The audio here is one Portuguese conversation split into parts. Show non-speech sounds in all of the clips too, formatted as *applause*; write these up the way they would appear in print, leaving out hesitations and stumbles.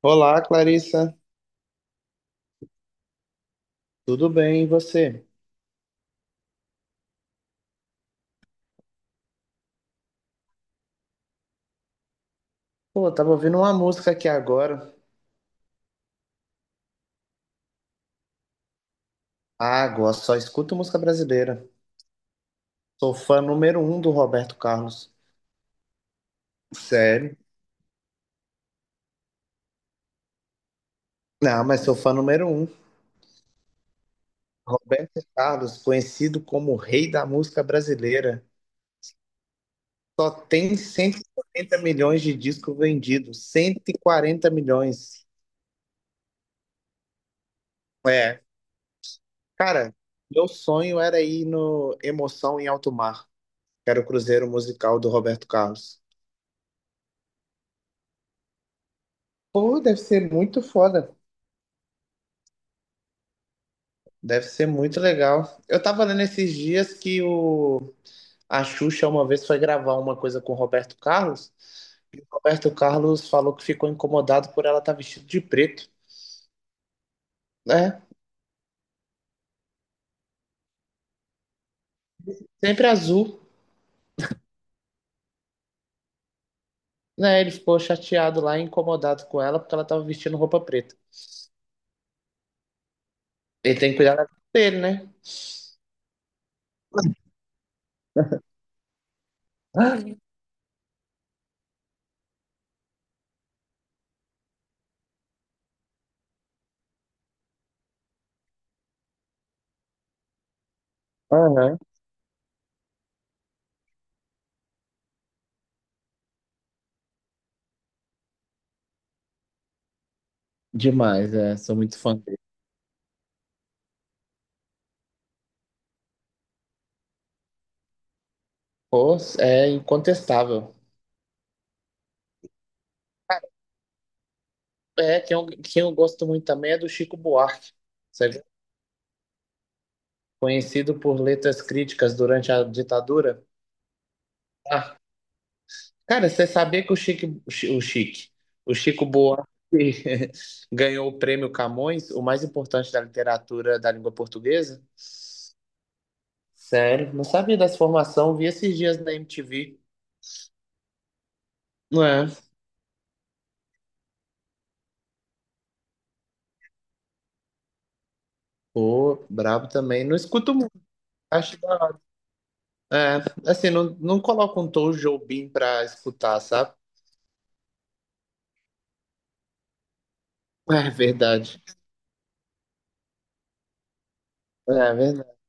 Olá, Clarissa. Tudo bem, e você? Pô, eu tava ouvindo uma música aqui agora. Ah, gosto, só escuto música brasileira. Sou fã número um do Roberto Carlos. Sério? Não, mas sou fã número um. Roberto Carlos, conhecido como o rei da música brasileira, só tem 140 milhões de discos vendidos. 140 milhões. É. Cara, meu sonho era ir no Emoção em Alto Mar, que era o cruzeiro musical do Roberto Carlos. Pô, deve ser muito foda. Deve ser muito legal. Eu tava lendo esses dias que a Xuxa uma vez foi gravar uma coisa com o Roberto Carlos, e o Roberto Carlos falou que ficou incomodado por ela estar vestida de preto, né? Sempre azul, né? Ele ficou chateado lá, e incomodado com ela, porque ela tava vestindo roupa preta. Ele tem que cuidar da vida dele, né? *gasps* Aham. Demais, é. Sou muito fã dele. Pô, é incontestável. É, quem eu gosto muito também é do Chico Buarque. Você conhecido por letras críticas durante a ditadura. Ah, cara, você sabia que o Chique, o Chi- o Chique, o Chico Buarque *laughs* ganhou o prêmio Camões, o mais importante da literatura da língua portuguesa? Sério, não sabia dessa formação, vi esses dias na MTV. Não é? Pô, brabo também. Não escuto muito, acho da hora. É, assim, não, não coloco um Tom Jobim pra escutar, sabe? É verdade. É verdade.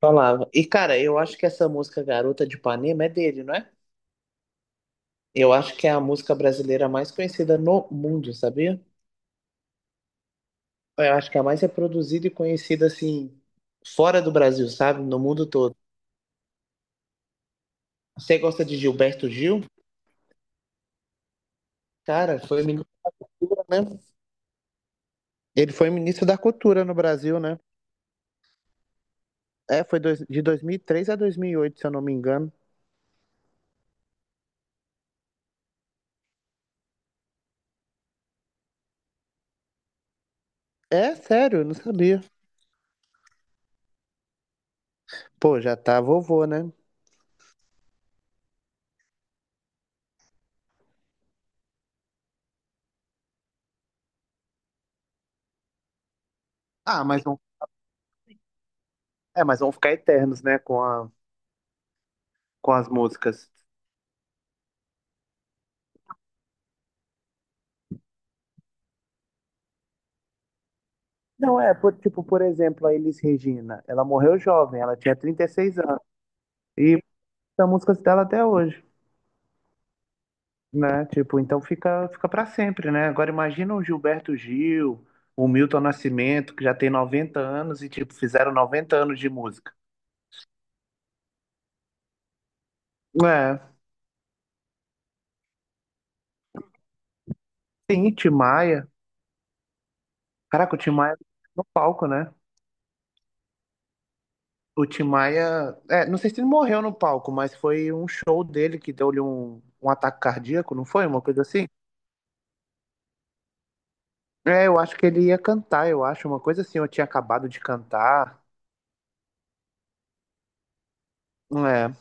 Falava. E, cara, eu acho que essa música Garota de Ipanema é dele, não é? Eu acho que é a música brasileira mais conhecida no mundo, sabia? Eu acho que é a mais reproduzida e conhecida, assim, fora do Brasil, sabe? No mundo todo. Você gosta de Gilberto Gil? Cara, foi ministro, né? Ele foi ministro da Cultura no Brasil, né? É, foi de 2003 a 2008, se eu não me engano. É, sério, eu não sabia. Pô, já tá vovô, né? Ah, mas vão ficar eternos, né, com com as músicas. Não, é, tipo, por exemplo, a Elis Regina, ela morreu jovem, ela tinha 36 anos. E são músicas dela até hoje, né? Tipo, então fica para sempre, né? Agora imagina o Gilberto Gil, o Milton Nascimento, que já tem 90 anos e, tipo, fizeram 90 anos de música. É, sim, Tim Maia. Caraca, o Tim Maia no palco, né? O Tim Maia, é, não sei se ele morreu no palco, mas foi um show dele que deu-lhe um ataque cardíaco, não foi? Uma coisa assim? É, eu acho que ele ia cantar, eu acho, uma coisa assim, eu tinha acabado de cantar. É.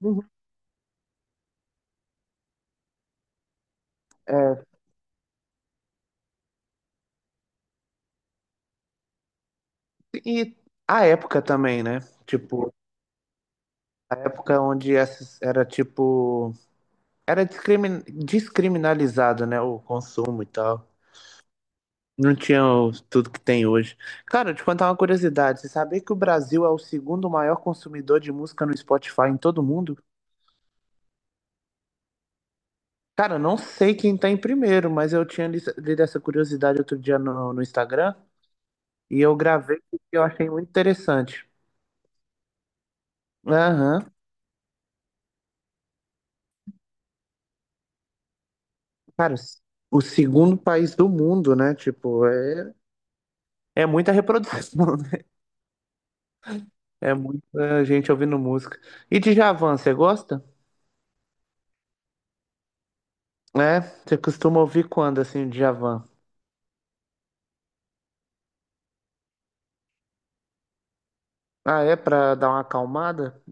Uhum. E a época também, né? Tipo, a época onde era tipo. Era descriminalizado, né? O consumo e tal. Não tinha tudo que tem hoje. Cara, eu te contar uma curiosidade. Você sabia que o Brasil é o segundo maior consumidor de música no Spotify em todo o mundo? Cara, eu não sei quem tá em primeiro, mas eu tinha lido essa curiosidade outro dia no Instagram e eu gravei porque eu achei muito interessante. Aham. Cara, o segundo país do mundo, né? Tipo. É muita reprodução, né? É muita gente ouvindo música. E Djavan, você gosta? É? Você costuma ouvir quando, assim, Djavan? Ah, é? Pra dar uma acalmada?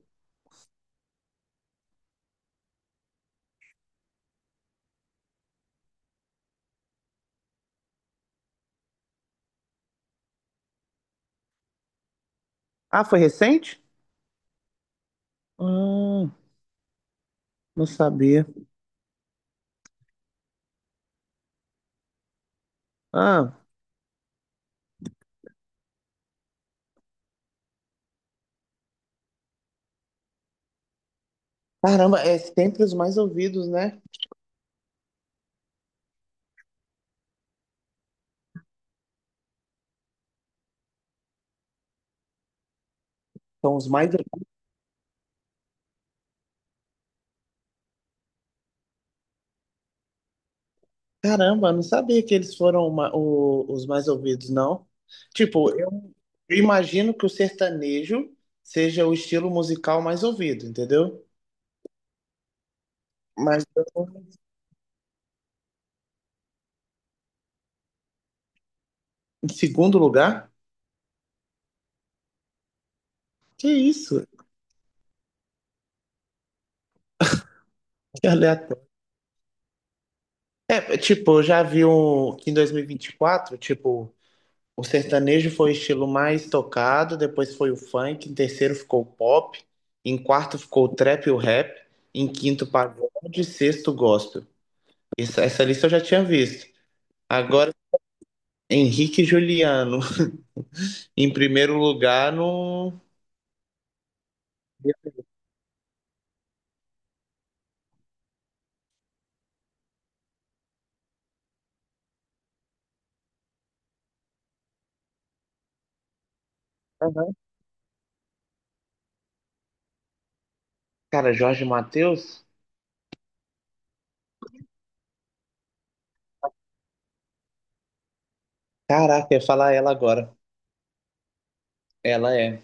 Ah, foi recente? Hum, não sabia. Ah, caramba, é sempre os mais ouvidos, né? São os mais. Caramba, eu não sabia que eles foram os mais ouvidos, não. Tipo, eu imagino que o sertanejo seja o estilo musical mais ouvido, entendeu? Mas eu tô em segundo lugar. Que isso? Que aleatório. É, tipo, eu já vi um, que em 2024, tipo, o sertanejo foi o estilo mais tocado, depois foi o funk, em terceiro ficou o pop, em quarto ficou o trap e o rap, em quinto o pagode, sexto o gospel. Essa lista eu já tinha visto. Agora, Henrique e Juliano, *laughs* em primeiro lugar no... Aham. Cara, Jorge Mateus? Caraca, eu ia falar ela agora. Ela é.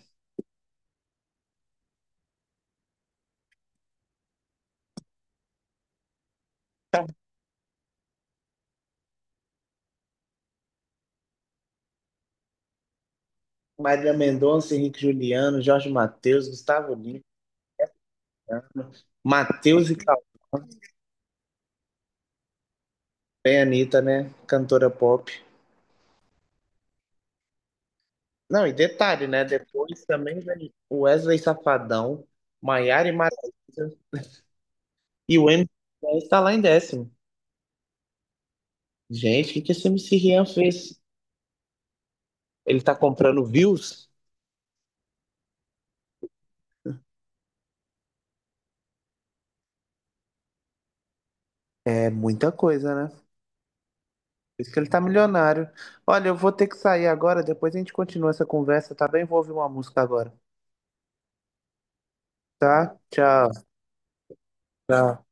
Marília Mendonça, Henrique Juliano, Jorge Mateus, Gustavo Lima. Matheus e Cauã, bem Anitta, né? Cantora pop. Não, e detalhe, né? Depois também vem o Wesley Safadão, Maiara e Maraíza, e o MC Rian está lá em décimo. Gente, o que que esse MC Rian fez? Ele tá comprando views? É muita coisa, né? Por isso que ele tá milionário. Olha, eu vou ter que sair agora, depois a gente continua essa conversa, tá bem? Vou ouvir uma música agora, tá? Tchau. Tchau.